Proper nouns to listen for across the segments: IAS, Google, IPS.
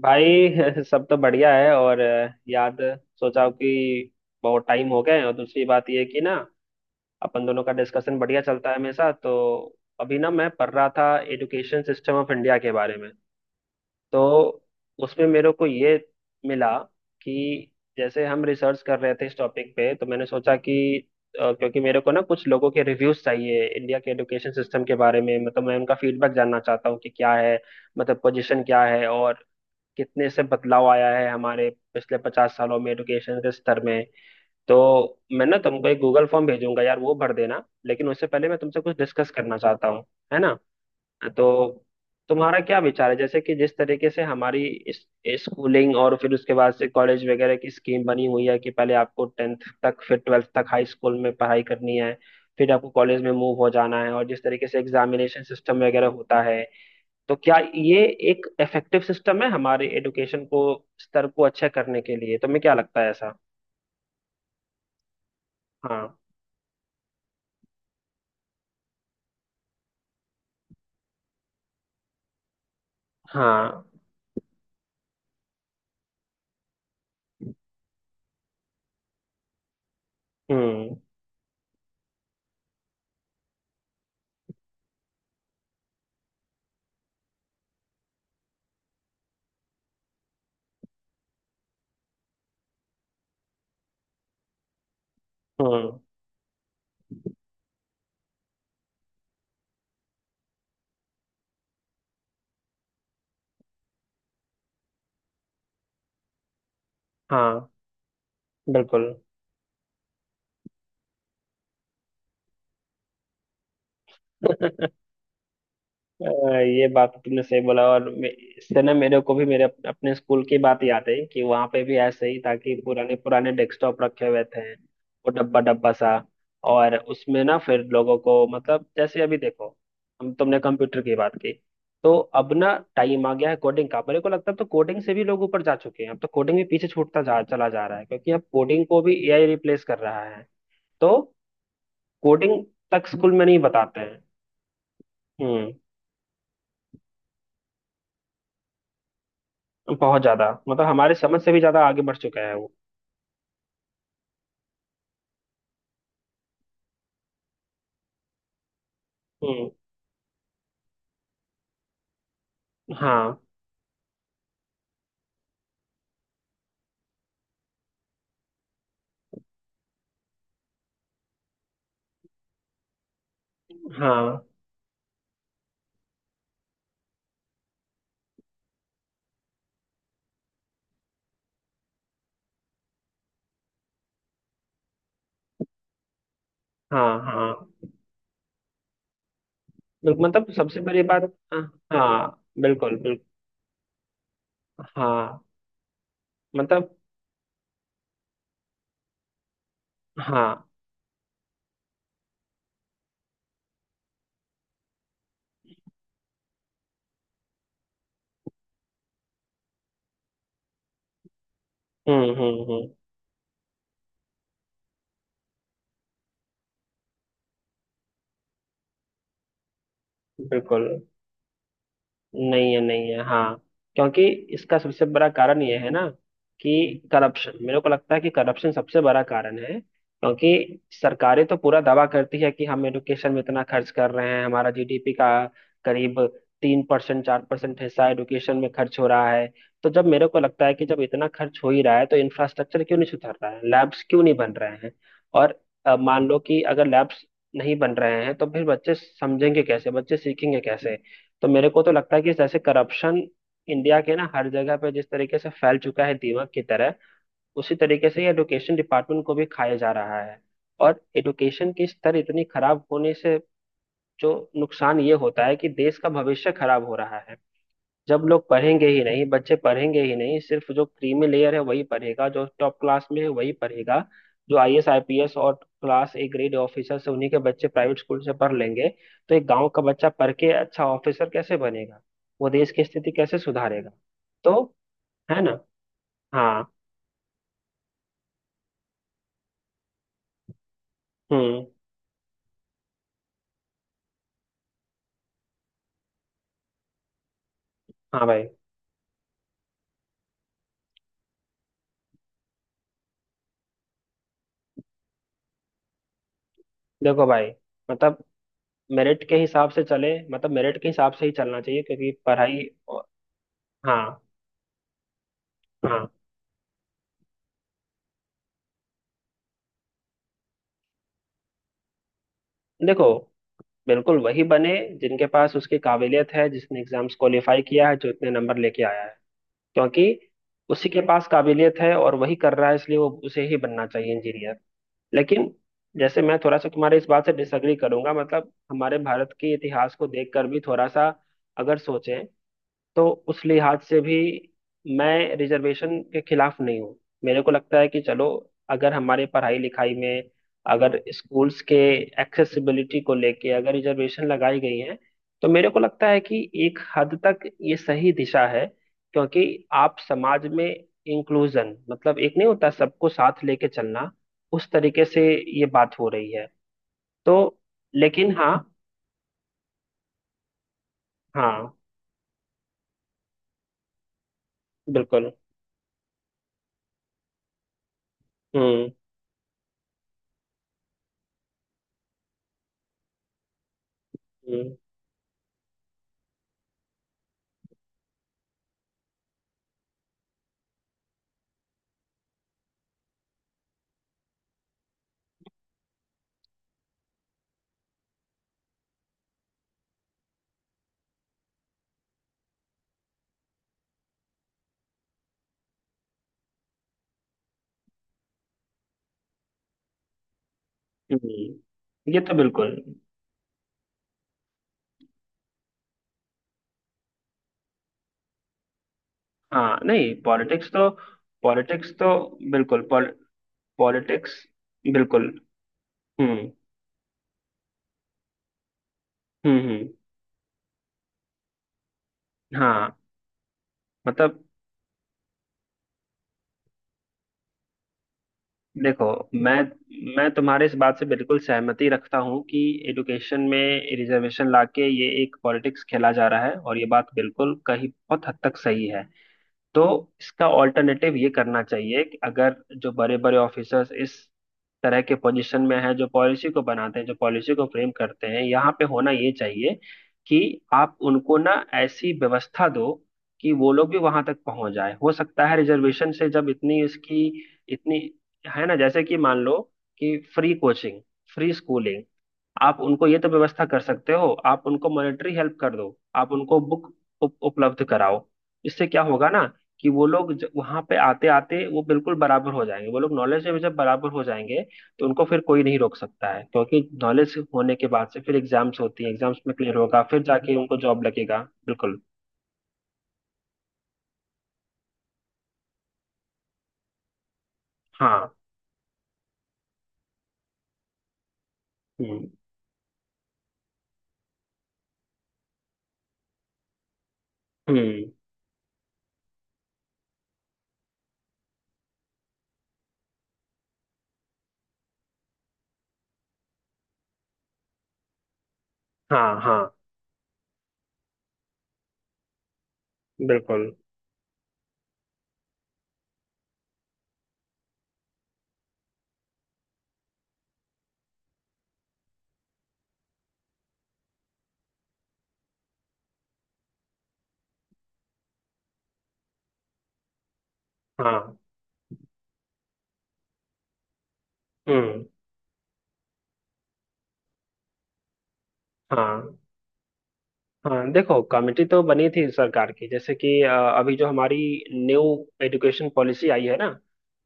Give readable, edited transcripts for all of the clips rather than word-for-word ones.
भाई सब तो बढ़िया है और याद। सोचा कि बहुत टाइम हो गए, और दूसरी बात ये कि ना अपन दोनों का डिस्कशन बढ़िया चलता है हमेशा। तो अभी ना मैं पढ़ रहा था एजुकेशन सिस्टम ऑफ इंडिया के बारे में। तो उसमें मेरे को ये मिला कि जैसे हम रिसर्च कर रहे थे इस टॉपिक पे, तो मैंने सोचा कि क्योंकि मेरे को ना कुछ लोगों के रिव्यूज चाहिए इंडिया के एजुकेशन सिस्टम के बारे में, मतलब मैं उनका फीडबैक जानना चाहता हूँ कि क्या है, मतलब पोजीशन क्या है और कितने से बदलाव आया है हमारे पिछले 50 सालों में एडुकेशन के स्तर में। तो मैं ना तुमको एक गूगल फॉर्म भेजूंगा यार, वो भर देना, लेकिन उससे पहले मैं तुमसे कुछ डिस्कस करना चाहता हूँ, है ना। तो तुम्हारा क्या विचार है, जैसे कि जिस तरीके से हमारी इस स्कूलिंग और फिर उसके बाद से कॉलेज वगैरह की स्कीम बनी हुई है कि पहले आपको 10th तक फिर 12th तक हाई स्कूल में पढ़ाई करनी है, फिर आपको कॉलेज में मूव हो जाना है, और जिस तरीके से एग्जामिनेशन सिस्टम वगैरह होता है, तो क्या ये एक इफेक्टिव सिस्टम है हमारे एडुकेशन को स्तर को अच्छा करने के लिए, तुम्हें क्या लगता है ऐसा? हाँ हाँ। हम्म हम्म। हाँ बिल्कुल। अ, ये बात तुमने सही बोला, और इससे ना मेरे को भी मेरे अपने स्कूल की बात याद है कि वहां पे भी ऐसे ही था कि पुराने पुराने डेस्कटॉप रखे हुए थे, वो डब्बा डब्बा सा। और उसमें ना फिर लोगों को, मतलब जैसे अभी देखो हम तुमने कंप्यूटर की बात की, तो अब ना टाइम आ गया है कोडिंग का, मेरे को लगता है अब तो कोडिंग से भी लोग ऊपर जा चुके हैं, अब तो कोडिंग भी पीछे छूटता जा चला जा रहा है क्योंकि अब कोडिंग को भी एआई रिप्लेस कर रहा है। तो कोडिंग तक स्कूल में नहीं बताते हैं। हम्म। बहुत ज्यादा मतलब हमारे समझ से भी ज्यादा आगे बढ़ चुका है वो। हम्म। हाँ हाँ। हाँ हाँ। मतलब सबसे बड़ी बात। हाँ। हाँ, बिल्कुल बिल्कुल। हाँ। मतलब। हाँ। हम्म। बिल्कुल। नहीं है नहीं है। हाँ क्योंकि इसका सबसे बड़ा कारण यह है ना कि करप्शन मेरे को लगता है कि करप्शन सबसे बड़ा कारण है, क्योंकि सरकारें तो पूरा दावा करती है कि हम एडुकेशन में इतना खर्च कर रहे हैं, हमारा जीडीपी का करीब 3% 4% हिस्सा एडुकेशन में खर्च हो रहा है। तो जब मेरे को लगता है कि जब इतना खर्च हो ही रहा है तो इंफ्रास्ट्रक्चर क्यों नहीं सुधर रहा है, लैब्स क्यों नहीं बन रहे हैं। और मान लो कि अगर लैब्स नहीं बन रहे हैं तो फिर बच्चे समझेंगे कैसे, बच्चे सीखेंगे कैसे। तो मेरे को तो लगता है कि जैसे करप्शन इंडिया के ना हर जगह पे जिस तरीके से फैल चुका है दीमक की तरह, उसी तरीके से ये एजुकेशन डिपार्टमेंट को भी खाया जा रहा है। और एजुकेशन की स्तर इतनी खराब होने से जो नुकसान ये होता है कि देश का भविष्य खराब हो रहा है। जब लोग पढ़ेंगे ही नहीं, बच्चे पढ़ेंगे ही नहीं, सिर्फ जो क्रीमी लेयर है वही पढ़ेगा, जो टॉप क्लास में है वही पढ़ेगा, जो आईएएस आईपीएस और क्लास ए ग्रेड ऑफिसर से उन्हीं के बच्चे प्राइवेट स्कूल से पढ़ लेंगे। तो एक गांव का बच्चा पढ़ के अच्छा ऑफिसर कैसे बनेगा, वो देश की स्थिति कैसे सुधारेगा। तो है ना। हाँ। हम्म। हाँ भाई। देखो भाई मतलब मेरिट के हिसाब से चले, मतलब मेरिट के हिसाब से ही चलना चाहिए क्योंकि पढ़ाई। हाँ। हाँ। देखो बिल्कुल वही बने जिनके पास उसकी काबिलियत है, जिसने एग्जाम्स क्वालिफाई किया है, जो इतने नंबर लेके आया है, क्योंकि उसी के पास काबिलियत है और वही कर रहा है, इसलिए वो उसे ही बनना चाहिए इंजीनियर। लेकिन जैसे मैं थोड़ा सा तुम्हारे इस बात से डिसएग्री करूंगा, मतलब हमारे भारत के इतिहास को देखकर भी थोड़ा सा अगर सोचें तो उस लिहाज से भी मैं रिजर्वेशन के खिलाफ नहीं हूँ। मेरे को लगता है कि चलो अगर हमारे पढ़ाई लिखाई में अगर स्कूल्स के एक्सेसिबिलिटी को लेके अगर रिजर्वेशन लगाई गई है, तो मेरे को लगता है कि एक हद तक ये सही दिशा है क्योंकि आप समाज में इंक्लूजन, मतलब एक नहीं होता सबको साथ लेके चलना, उस तरीके से ये बात हो रही है। तो लेकिन हाँ। हाँ बिल्कुल। हम्म हम्म ये तो बिल्कुल। हाँ नहीं पॉलिटिक्स तो। पॉलिटिक्स तो बिल्कुल। पॉलिटिक्स। बिल्कुल। हम्म हम्म। हाँ मतलब। देखो मैं मैं तुम्हारे इस बात से बिल्कुल सहमति रखता हूँ कि एडुकेशन में रिजर्वेशन लाके ये एक पॉलिटिक्स खेला जा रहा है, और ये बात बिल्कुल कहीं बहुत हद तक सही है। तो इसका ऑल्टरनेटिव ये करना चाहिए कि अगर जो बड़े बड़े ऑफिसर्स इस तरह के पोजीशन में हैं, जो पॉलिसी को बनाते हैं, जो पॉलिसी को फ्रेम करते हैं, यहाँ पे होना ये चाहिए कि आप उनको ना ऐसी व्यवस्था दो कि वो लोग भी वहां तक पहुंच जाए, हो सकता है रिजर्वेशन से जब इतनी इसकी इतनी, है ना, जैसे कि मान लो कि फ्री कोचिंग, फ्री स्कूलिंग, आप उनको ये तो व्यवस्था कर सकते हो, आप उनको मॉनेटरी हेल्प कर दो, आप उनको बुक उपलब्ध कराओ। इससे क्या होगा ना कि वो लोग वहां पे आते आते वो बिल्कुल बराबर हो जाएंगे, वो लोग नॉलेज में जब बराबर हो जाएंगे तो उनको फिर कोई नहीं रोक सकता है क्योंकि नॉलेज होने के बाद से फिर एग्जाम्स होती हैं, एग्जाम्स में क्लियर होगा, फिर जाके उनको जॉब लगेगा बिल्कुल। हाँ। हम्म हम्म। हाँ हाँ। बिल्कुल। हाँ। हम्म। हाँ। हाँ देखो कमेटी तो बनी थी सरकार की, जैसे कि अभी जो हमारी न्यू एजुकेशन पॉलिसी आई है ना,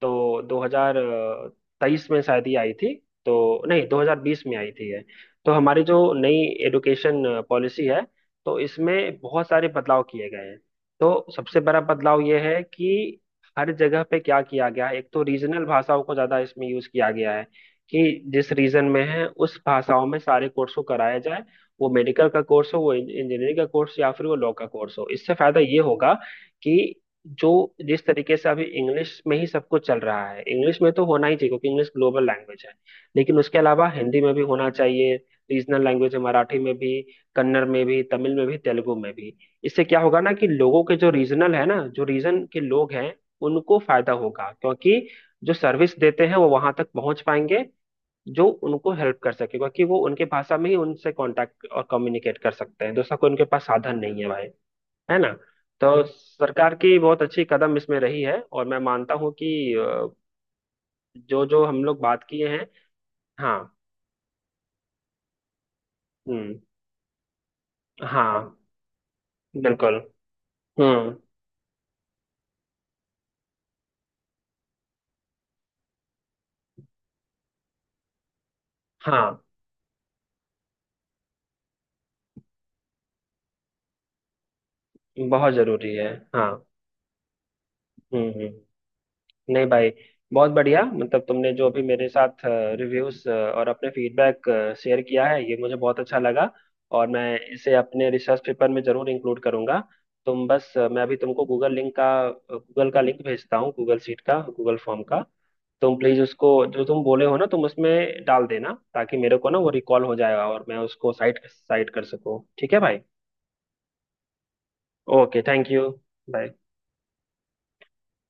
तो 2023 में शायद ही आई थी। तो नहीं 2020 में आई थी है। तो हमारी जो नई एजुकेशन पॉलिसी है, तो इसमें बहुत सारे बदलाव किए गए हैं। तो सबसे बड़ा बदलाव ये है कि हर जगह पे क्या किया गया है, एक तो रीजनल भाषाओं को ज़्यादा इसमें यूज़ किया गया है कि जिस रीजन में है उस भाषाओं में सारे कोर्स को कराया जाए, वो मेडिकल का कोर्स हो, वो इंजीनियरिंग का कोर्स या फिर वो लॉ का कोर्स हो। इससे फायदा ये होगा कि जो जिस तरीके से अभी इंग्लिश में ही सब कुछ चल रहा है, इंग्लिश में तो होना ही चाहिए क्योंकि इंग्लिश ग्लोबल लैंग्वेज है, लेकिन उसके अलावा हिंदी में भी होना चाहिए, रीजनल लैंग्वेज है मराठी में भी, कन्नड़ में भी, तमिल में भी, तेलुगु में भी। इससे क्या होगा ना कि लोगों के जो रीजनल है ना, जो रीजन के लोग हैं, उनको फायदा होगा क्योंकि जो सर्विस देते हैं वो वहां तक पहुंच पाएंगे जो उनको हेल्प कर सके, क्योंकि वो उनके भाषा में ही उनसे कांटेक्ट और कम्युनिकेट कर सकते हैं, दूसरा कोई उनके पास साधन नहीं है भाई। है ना। तो सरकार की बहुत अच्छी कदम इसमें रही है, और मैं मानता हूँ कि अ, जो जो हम लोग बात किए हैं। हाँ। हम्म। हाँ। बिल्कुल। हम्म। हाँ। बहुत जरूरी है। हाँ। हम्म। नहीं भाई बहुत बढ़िया, मतलब तुमने जो अभी मेरे साथ रिव्यूज और अपने फीडबैक शेयर किया है ये मुझे बहुत अच्छा लगा, और मैं इसे अपने रिसर्च पेपर में जरूर इंक्लूड करूंगा। तुम बस मैं अभी तुमको गूगल लिंक का गूगल का लिंक भेजता हूँ, गूगल शीट का गूगल फॉर्म का। तुम प्लीज उसको जो तुम बोले हो ना तुम उसमें डाल देना ताकि मेरे को ना वो रिकॉल हो जाएगा और मैं उसको साइट साइट कर सकूँ, ठीक है भाई। Okay thank you. बाय।